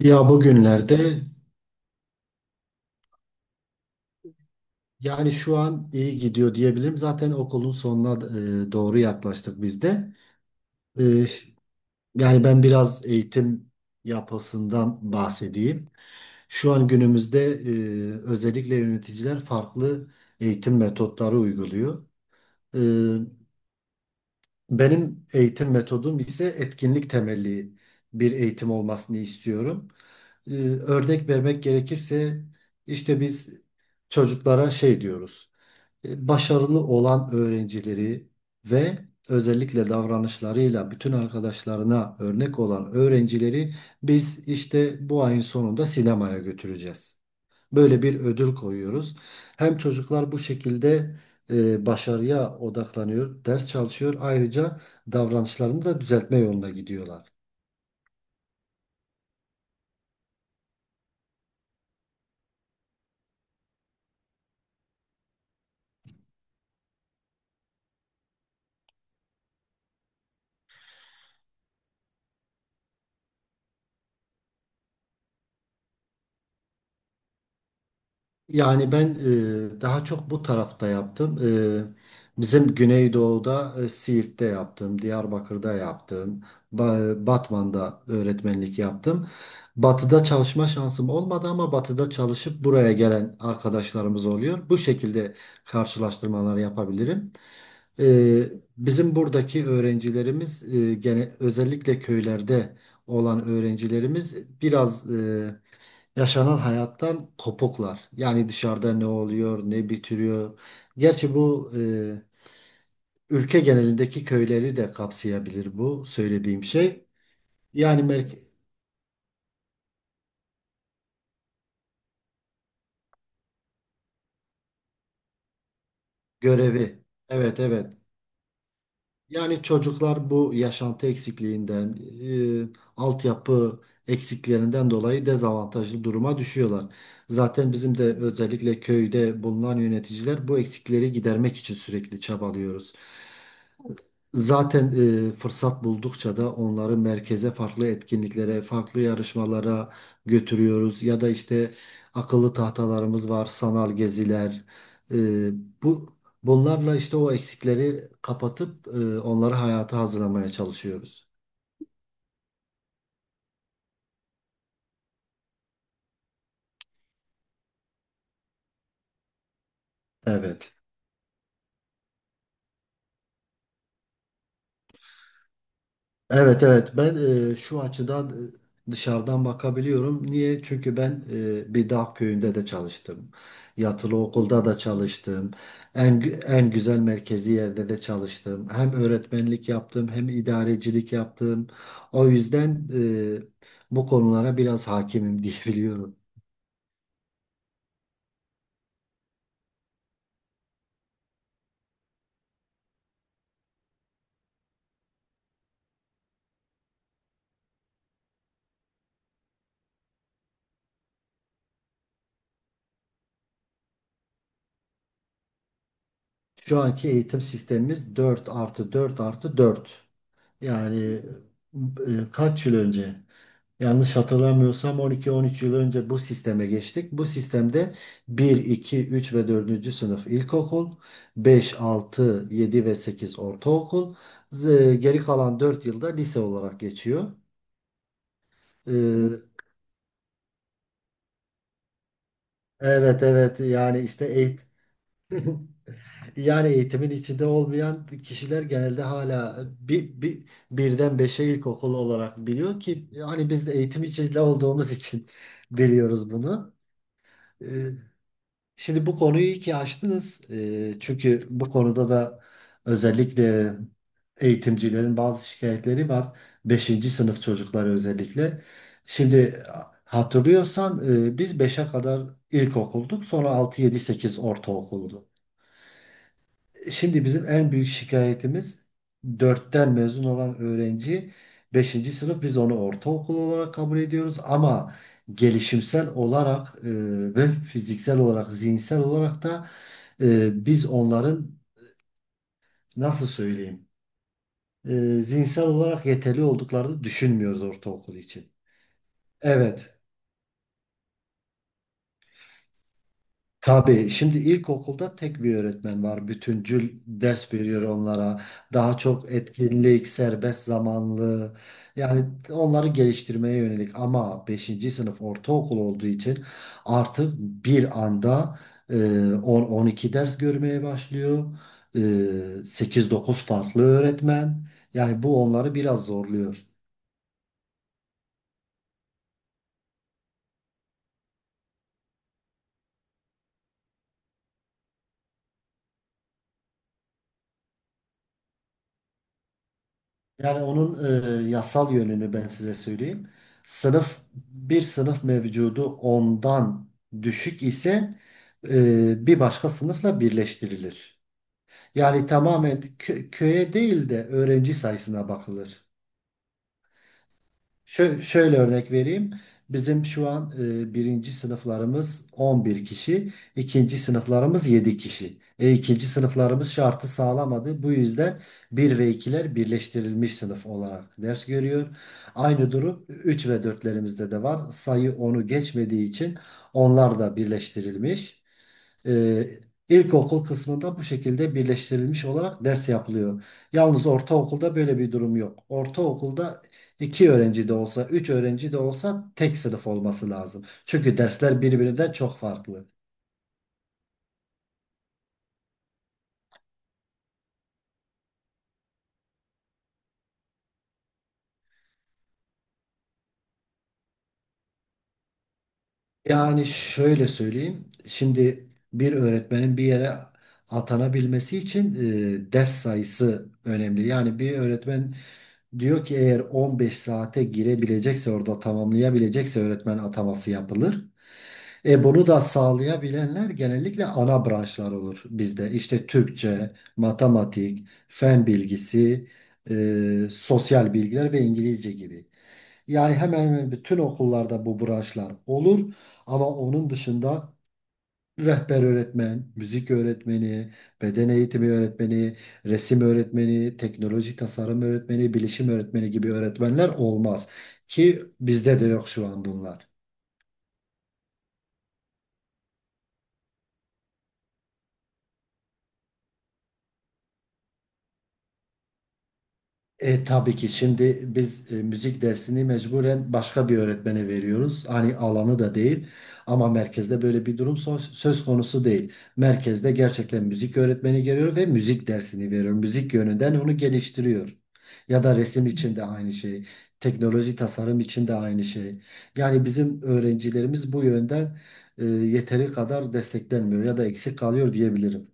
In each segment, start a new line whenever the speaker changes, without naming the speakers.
Ya bugünlerde yani şu an iyi gidiyor diyebilirim. Zaten okulun sonuna doğru yaklaştık biz de. E, yani ben biraz eğitim yapısından bahsedeyim. Şu an günümüzde özellikle yöneticiler farklı eğitim metotları uyguluyor. E, Benim eğitim metodum ise etkinlik temelli bir eğitim olmasını istiyorum. Örnek vermek gerekirse işte biz çocuklara şey diyoruz. Başarılı olan öğrencileri ve özellikle davranışlarıyla bütün arkadaşlarına örnek olan öğrencileri biz işte bu ayın sonunda sinemaya götüreceğiz. Böyle bir ödül koyuyoruz. Hem çocuklar bu şekilde başarıya odaklanıyor, ders çalışıyor. Ayrıca davranışlarını da düzeltme yoluna gidiyorlar. Yani ben daha çok bu tarafta yaptım. Bizim Güneydoğu'da Siirt'te yaptım, Diyarbakır'da yaptım, Batman'da öğretmenlik yaptım. Batı'da çalışma şansım olmadı ama Batı'da çalışıp buraya gelen arkadaşlarımız oluyor. Bu şekilde karşılaştırmalar yapabilirim. E, Bizim buradaki öğrencilerimiz gene özellikle köylerde olan öğrencilerimiz biraz yaşanan hayattan kopuklar. Yani dışarıda ne oluyor, ne bitiriyor. Gerçi bu ülke genelindeki köyleri de kapsayabilir bu söylediğim şey. Yani merk Görevi. Evet, evet. Yani çocuklar bu yaşantı eksikliğinden, altyapı eksiklerinden dolayı dezavantajlı duruma düşüyorlar. Zaten bizim de özellikle köyde bulunan yöneticiler bu eksikleri gidermek için sürekli çabalıyoruz. Zaten fırsat buldukça da onları merkeze farklı etkinliklere, farklı yarışmalara götürüyoruz. Ya da işte akıllı tahtalarımız var, sanal geziler. E, bu Bunlarla işte o eksikleri kapatıp onları hayata hazırlamaya çalışıyoruz. Evet. Evet, evet, ben şu açıdan dışarıdan bakabiliyorum. Niye? Çünkü ben bir dağ köyünde de çalıştım. Yatılı okulda da çalıştım. En güzel merkezi yerde de çalıştım. Hem öğretmenlik yaptım hem idarecilik yaptım. O yüzden bu konulara biraz hakimim diyebiliyorum. Şu anki eğitim sistemimiz 4 artı 4 artı 4. Yani kaç yıl önce? Yanlış hatırlamıyorsam 12-13 yıl önce bu sisteme geçtik. Bu sistemde bir, 2, 3 ve dördüncü sınıf ilkokul, 5, 6, 7 ve 8 ortaokul, geri kalan 4 yılda lise olarak geçiyor. Ee, evet, evet, yani işte eğitim. Yani eğitimin içinde olmayan kişiler genelde hala birden beşe ilkokul olarak biliyor ki hani biz de eğitim içinde olduğumuz için biliyoruz bunu. Ee, Şimdi bu konuyu iyi ki açtınız. Çünkü bu konuda da özellikle eğitimcilerin bazı şikayetleri var. Beşinci sınıf çocukları özellikle. Şimdi hatırlıyorsan biz beşe kadar ilkokulduk. Sonra 6, 7, 8 ortaokuldu. Şimdi bizim en büyük şikayetimiz dörtten mezun olan öğrenci beşinci sınıf biz onu ortaokul olarak kabul ediyoruz ama gelişimsel olarak ve fiziksel olarak zihinsel olarak da biz onların nasıl söyleyeyim e, zihinsel olarak yeterli olduklarını düşünmüyoruz ortaokul için. Evet. Tabii şimdi ilkokulda tek bir öğretmen var. Bütüncül ders veriyor onlara. Daha çok etkinlik, serbest zamanlı. Yani onları geliştirmeye yönelik ama beşinci sınıf ortaokul olduğu için artık bir anda e, 10-12 ders görmeye başlıyor. E, 8-9 farklı öğretmen. Yani bu onları biraz zorluyor. Yani onun yasal yönünü ben size söyleyeyim. Sınıf bir sınıf mevcudu ondan düşük ise bir başka sınıfla birleştirilir. Yani tamamen köye değil de öğrenci sayısına bakılır. Şöyle örnek vereyim. Bizim şu an birinci sınıflarımız 11 kişi, ikinci sınıflarımız 7 kişi. İkinci sınıflarımız şartı sağlamadı. Bu yüzden bir ve ikiler birleştirilmiş sınıf olarak ders görüyor. Aynı durum 3 ve dörtlerimizde de var. Sayı onu geçmediği için onlar da birleştirilmiş. Ee, ilkokul kısmında bu şekilde birleştirilmiş olarak ders yapılıyor. Yalnız ortaokulda böyle bir durum yok. Ortaokulda iki öğrenci de olsa, üç öğrenci de olsa tek sınıf olması lazım. Çünkü dersler birbirinden çok farklı. Yani şöyle söyleyeyim. Şimdi bir öğretmenin bir yere atanabilmesi için ders sayısı önemli. Yani bir öğretmen diyor ki eğer 15 saate girebilecekse orada tamamlayabilecekse öğretmen ataması yapılır. E bunu da sağlayabilenler genellikle ana branşlar olur bizde. İşte Türkçe, matematik, fen bilgisi, sosyal bilgiler ve İngilizce gibi. Yani hemen hemen bütün okullarda bu branşlar olur. Ama onun dışında rehber öğretmen, müzik öğretmeni, beden eğitimi öğretmeni, resim öğretmeni, teknoloji tasarım öğretmeni, bilişim öğretmeni gibi öğretmenler olmaz. Ki bizde de yok şu an bunlar. Tabii ki şimdi biz müzik dersini mecburen başka bir öğretmene veriyoruz. Hani alanı da değil ama merkezde böyle bir durum söz konusu değil. Merkezde gerçekten müzik öğretmeni geliyor ve müzik dersini veriyor. Müzik yönünden onu geliştiriyor. Ya da resim için de aynı şey. Teknoloji tasarım için de aynı şey. Yani bizim öğrencilerimiz bu yönden yeteri kadar desteklenmiyor ya da eksik kalıyor diyebilirim.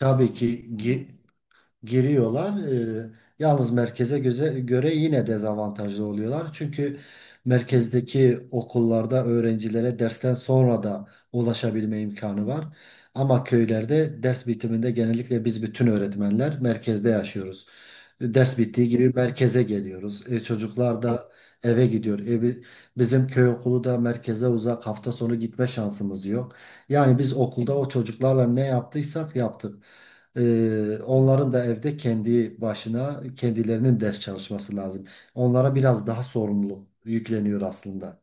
Tabii ki giriyorlar. Yalnız merkeze göre yine dezavantajlı oluyorlar. Çünkü merkezdeki okullarda öğrencilere dersten sonra da ulaşabilme imkanı var. Ama köylerde ders bitiminde genellikle biz bütün öğretmenler merkezde yaşıyoruz. Ders bittiği gibi merkeze geliyoruz. Çocuklar da eve gidiyor. Evi, bizim köy okulu da merkeze uzak. Hafta sonu gitme şansımız yok. Yani biz okulda o çocuklarla ne yaptıysak yaptık. Onların da evde kendi başına kendilerinin ders çalışması lazım. Onlara biraz daha sorumluluk yükleniyor aslında.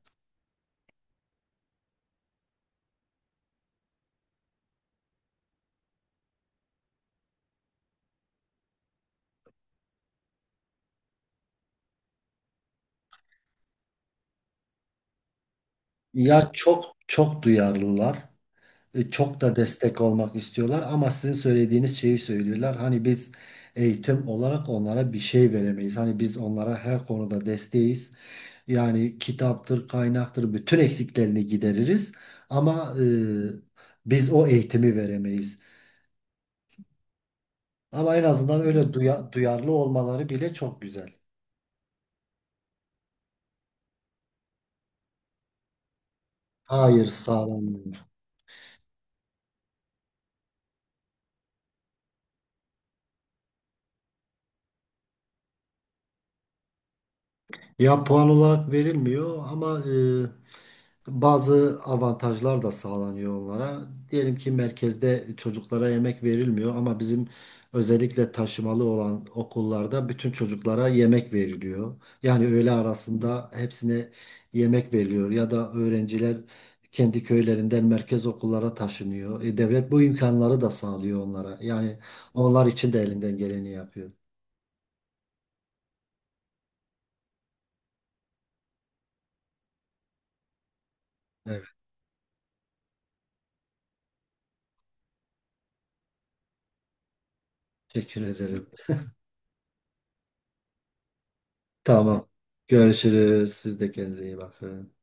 Ya çok çok duyarlılar, çok da destek olmak istiyorlar ama sizin söylediğiniz şeyi söylüyorlar. Hani biz eğitim olarak onlara bir şey veremeyiz. Hani biz onlara her konuda desteğiz. Yani kitaptır, kaynaktır bütün eksiklerini gideririz ama biz o eğitimi veremeyiz. Ama en azından öyle duyarlı olmaları bile çok güzel. Hayır sağlam. Ya puan olarak verilmiyor ama bazı avantajlar da sağlanıyor onlara. Diyelim ki merkezde çocuklara yemek verilmiyor ama bizim özellikle taşımalı olan okullarda bütün çocuklara yemek veriliyor. Yani öğle arasında hepsine yemek veriliyor ya da öğrenciler kendi köylerinden merkez okullara taşınıyor. Devlet bu imkanları da sağlıyor onlara. Yani onlar için de elinden geleni yapıyor. Evet. Teşekkür ederim. Tamam. Görüşürüz. Siz de kendinize iyi bakın.